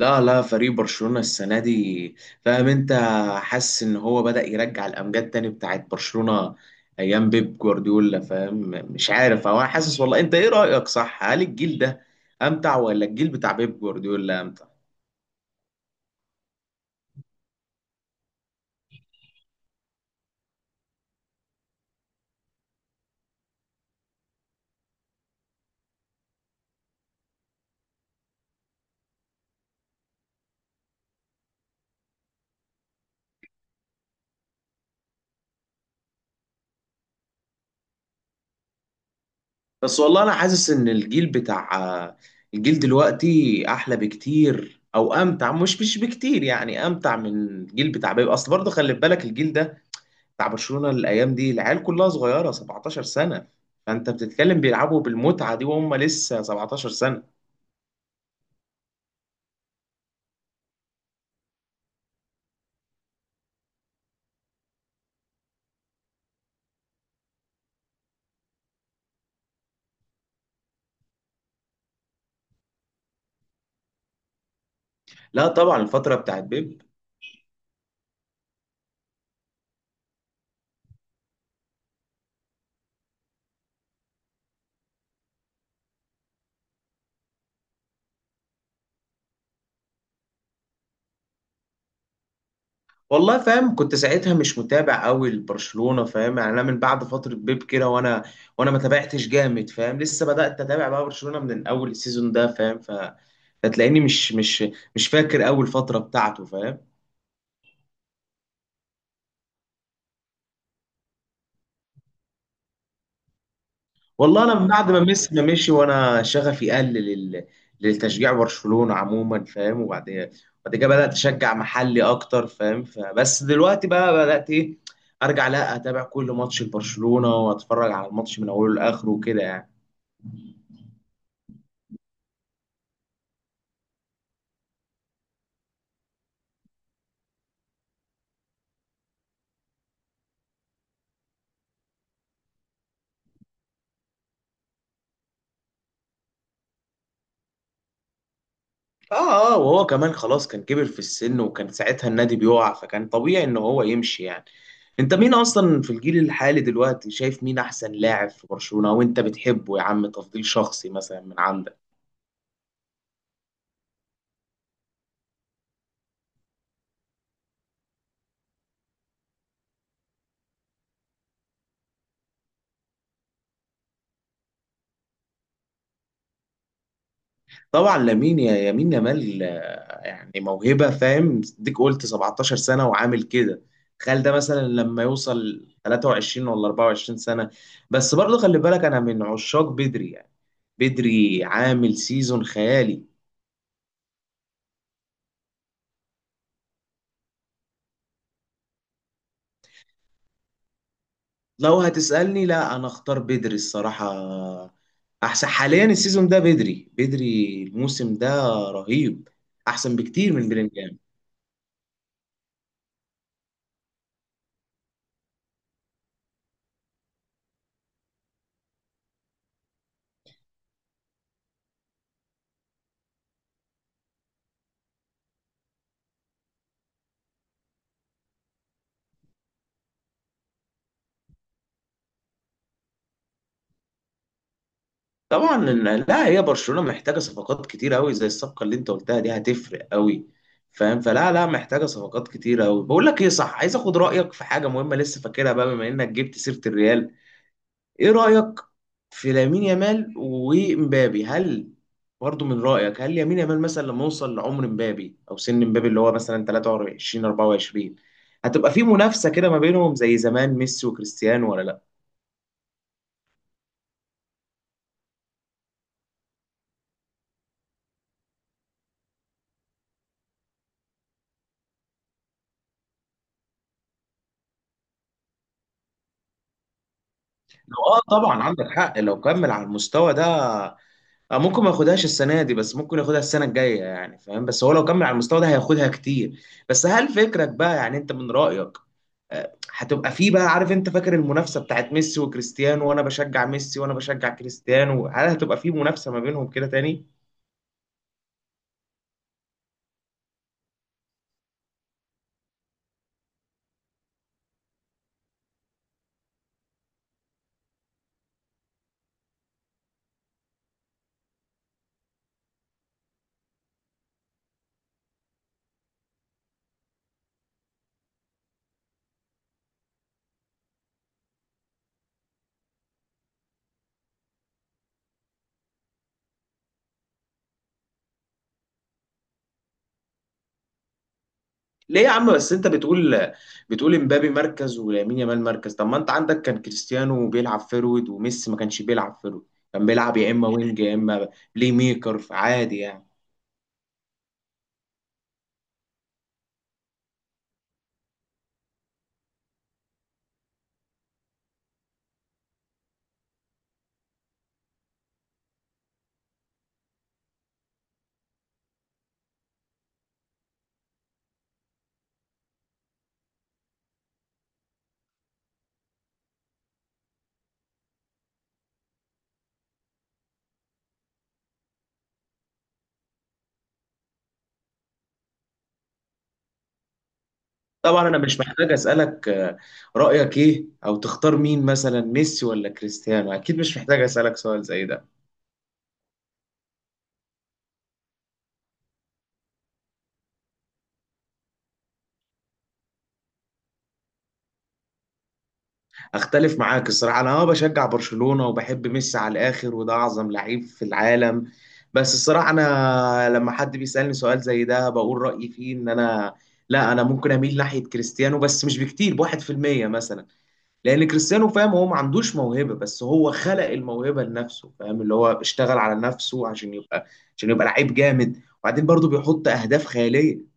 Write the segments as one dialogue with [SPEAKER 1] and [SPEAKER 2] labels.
[SPEAKER 1] لا لا، فريق برشلونة السنة دي، فاهم انت، حاسس ان هو بدأ يرجع الامجاد تاني بتاعت برشلونة ايام بيب جوارديولا. فاهم؟ مش عارف هو، أنا حاسس والله. انت ايه رأيك؟ صح، هل الجيل ده امتع ولا الجيل بتاع بيب جوارديولا امتع؟ بس والله انا حاسس ان الجيل دلوقتي احلى بكتير او امتع، مش بكتير يعني، امتع من الجيل بتاع بيب. اصل برضه خلي بالك الجيل ده بتاع برشلونة الايام دي العيال كلها صغيرة 17 سنة. فانت بتتكلم بيلعبوا بالمتعة دي وهم لسه 17 سنة. لا طبعا الفترة بتاعت بيب. والله فاهم، كنت ساعتها مش متابع قوي لبرشلونة، فاهم يعني. انا من بعد فترة بيب كده وانا ما تابعتش جامد، فاهم. لسه بدأت اتابع بقى برشلونة من اول السيزون ده، فاهم. فتلاقيني مش فاكر اول فترة بتاعته، فاهم. والله انا من بعد ما ميسي ما مشي وانا شغفي قل للتشجيع برشلونة عموما، فاهم. بعد كده بدات اشجع محلي اكتر، فاهم. فبس دلوقتي بقى بدات ايه، ارجع لا اتابع كل ماتش لبرشلونة واتفرج على الماتش من اوله لاخره وكده يعني. اه اه، وهو كمان خلاص كان كبر في السن وكان ساعتها النادي بيقع، فكان طبيعي ان هو يمشي يعني. انت مين اصلا في الجيل الحالي دلوقتي شايف مين احسن لاعب في برشلونة وانت بتحبه، يا عم؟ تفضيل شخصي مثلا من عندك. طبعا لامين يا يمين يامال، يعني موهبه فاهم. ديك قلت 17 سنه وعامل كده، تخيل ده مثلا لما يوصل 23 ولا 24 سنه. بس برضه خلي بالك انا من عشاق بدري يعني. بدري عامل سيزون خيالي. لو هتسألني، لا، انا اختار بدري الصراحه. احسن حاليا السيزون ده، بدري الموسم ده رهيب. احسن بكتير من بلينجهام. طبعا لا، هي برشلونة محتاجة صفقات كتير قوي، زي الصفقة اللي انت قلتها دي هتفرق قوي، فاهم. فلا لا محتاجة صفقات كتير قوي. بقول لك ايه، صح، عايز اخد رأيك في حاجة مهمة لسه فاكرها بقى، بما انك جبت سيرة الريال. ايه رأيك في لامين يامال ومبابي؟ هل برضو من رأيك هل يمين يامال مثلا لما يوصل لعمر مبابي او سن مبابي اللي هو مثلا 23 24، هتبقى في منافسة كده ما بينهم زي زمان ميسي وكريستيانو ولا لا؟ لو اه طبعا عندك حق، لو كمل على المستوى ده، اه، ممكن ما ياخدهاش السنه دي، بس ممكن ياخدها السنه الجايه يعني فاهم. بس هو لو كمل على المستوى ده هياخدها كتير. بس هل فكرك بقى، يعني انت من رايك هتبقى فيه، بقى عارف انت فاكر المنافسه بتاعت ميسي وكريستيانو، وانا بشجع ميسي وانا بشجع كريستيانو، هل هتبقى فيه منافسه ما بينهم كده تاني؟ ليه يا عم؟ بس انت بتقول امبابي مركز ولامين يامال مركز. طب ما انت عندك كان كريستيانو بيلعب فيرود وميسي ما كانش بيلعب فيرود، كان بيلعب يا اما وينج يا اما بلاي ميكر عادي يعني. طبعا انا مش محتاج اسالك، رايك ايه او تختار مين مثلا ميسي ولا كريستيانو، اكيد مش محتاج اسالك سؤال زي ده. اختلف معاك الصراحه. انا اه بشجع برشلونه وبحب ميسي على الاخر، وده اعظم لعيب في العالم. بس الصراحه انا لما حد بيسالني سؤال زي ده بقول رايي فيه ان انا، لا انا ممكن اميل ناحيه كريستيانو، بس مش بكتير، بواحد في المية مثلا. لان كريستيانو، فاهم، هو ما عندوش موهبه بس هو خلق الموهبه لنفسه، فاهم. اللي هو اشتغل على نفسه عشان يبقى لعيب جامد، وبعدين برضه بيحط اهداف خياليه.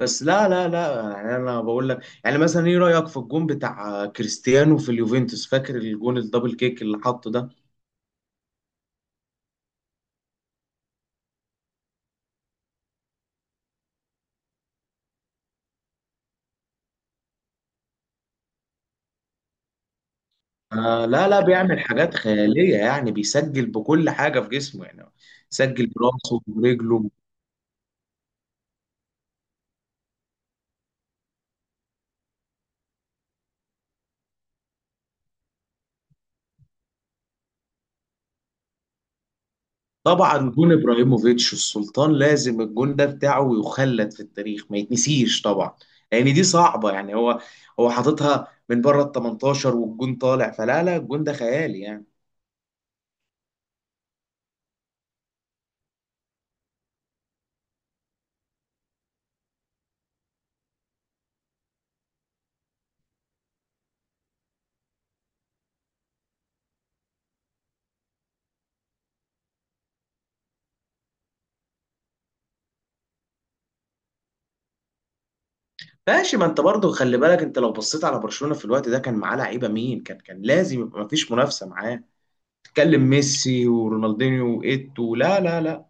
[SPEAKER 1] بس لا لا لا، يعني انا بقول لك، يعني مثلا ايه رايك في الجون بتاع كريستيانو في اليوفنتوس؟ فاكر الجون الدبل كيك اللي حطه ده؟ آه لا لا، بيعمل حاجات خياليه يعني، بيسجل بكل حاجه في جسمه يعني، سجل براسه برجله. طبعا جون ابراهيموفيتش السلطان، لازم الجون ده بتاعه يخلد في التاريخ، ما يتنسيش طبعا. لان دي صعبه يعني، هو حاططها من بره ال 18 والجون طالع. فلا لا الجون ده خيالي يعني. ماشي، ما انت برضه خلي بالك انت لو بصيت على برشلونه في الوقت ده كان معاه لعيبه مين، كان لازم يبقى ما فيش منافسه معاه. تتكلم ميسي ورونالدينيو وايتو. لا لا لا.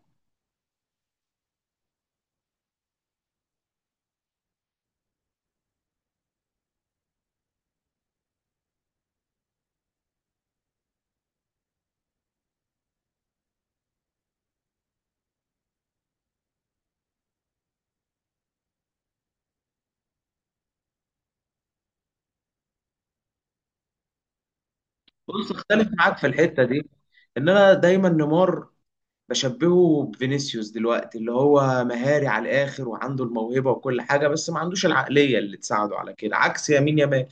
[SPEAKER 1] بص، اختلف معاك في الحته دي، ان انا دايما نيمار بشبهه بفينيسيوس دلوقتي، اللي هو مهاري على الاخر وعنده الموهبه وكل حاجه بس ما عندوش العقليه اللي تساعده على كده، عكس يمين يامال.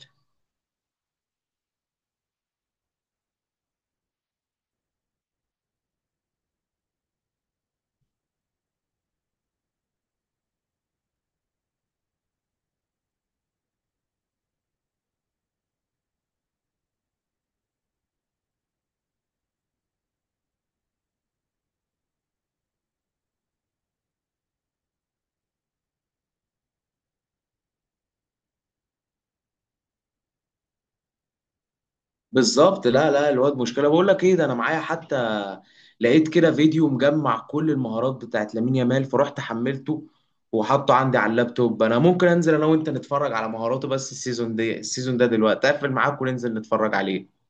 [SPEAKER 1] بالظبط، لا لا الواد مشكله. بقول لك ايه، ده انا معايا حتى، لقيت كده فيديو مجمع كل المهارات بتاعت لامين يامال، فرحت حملته وحطه عندي على اللابتوب. انا ممكن انزل انا وانت نتفرج على مهاراته، بس السيزون ده دلوقتي اقفل معاك وننزل نتفرج عليه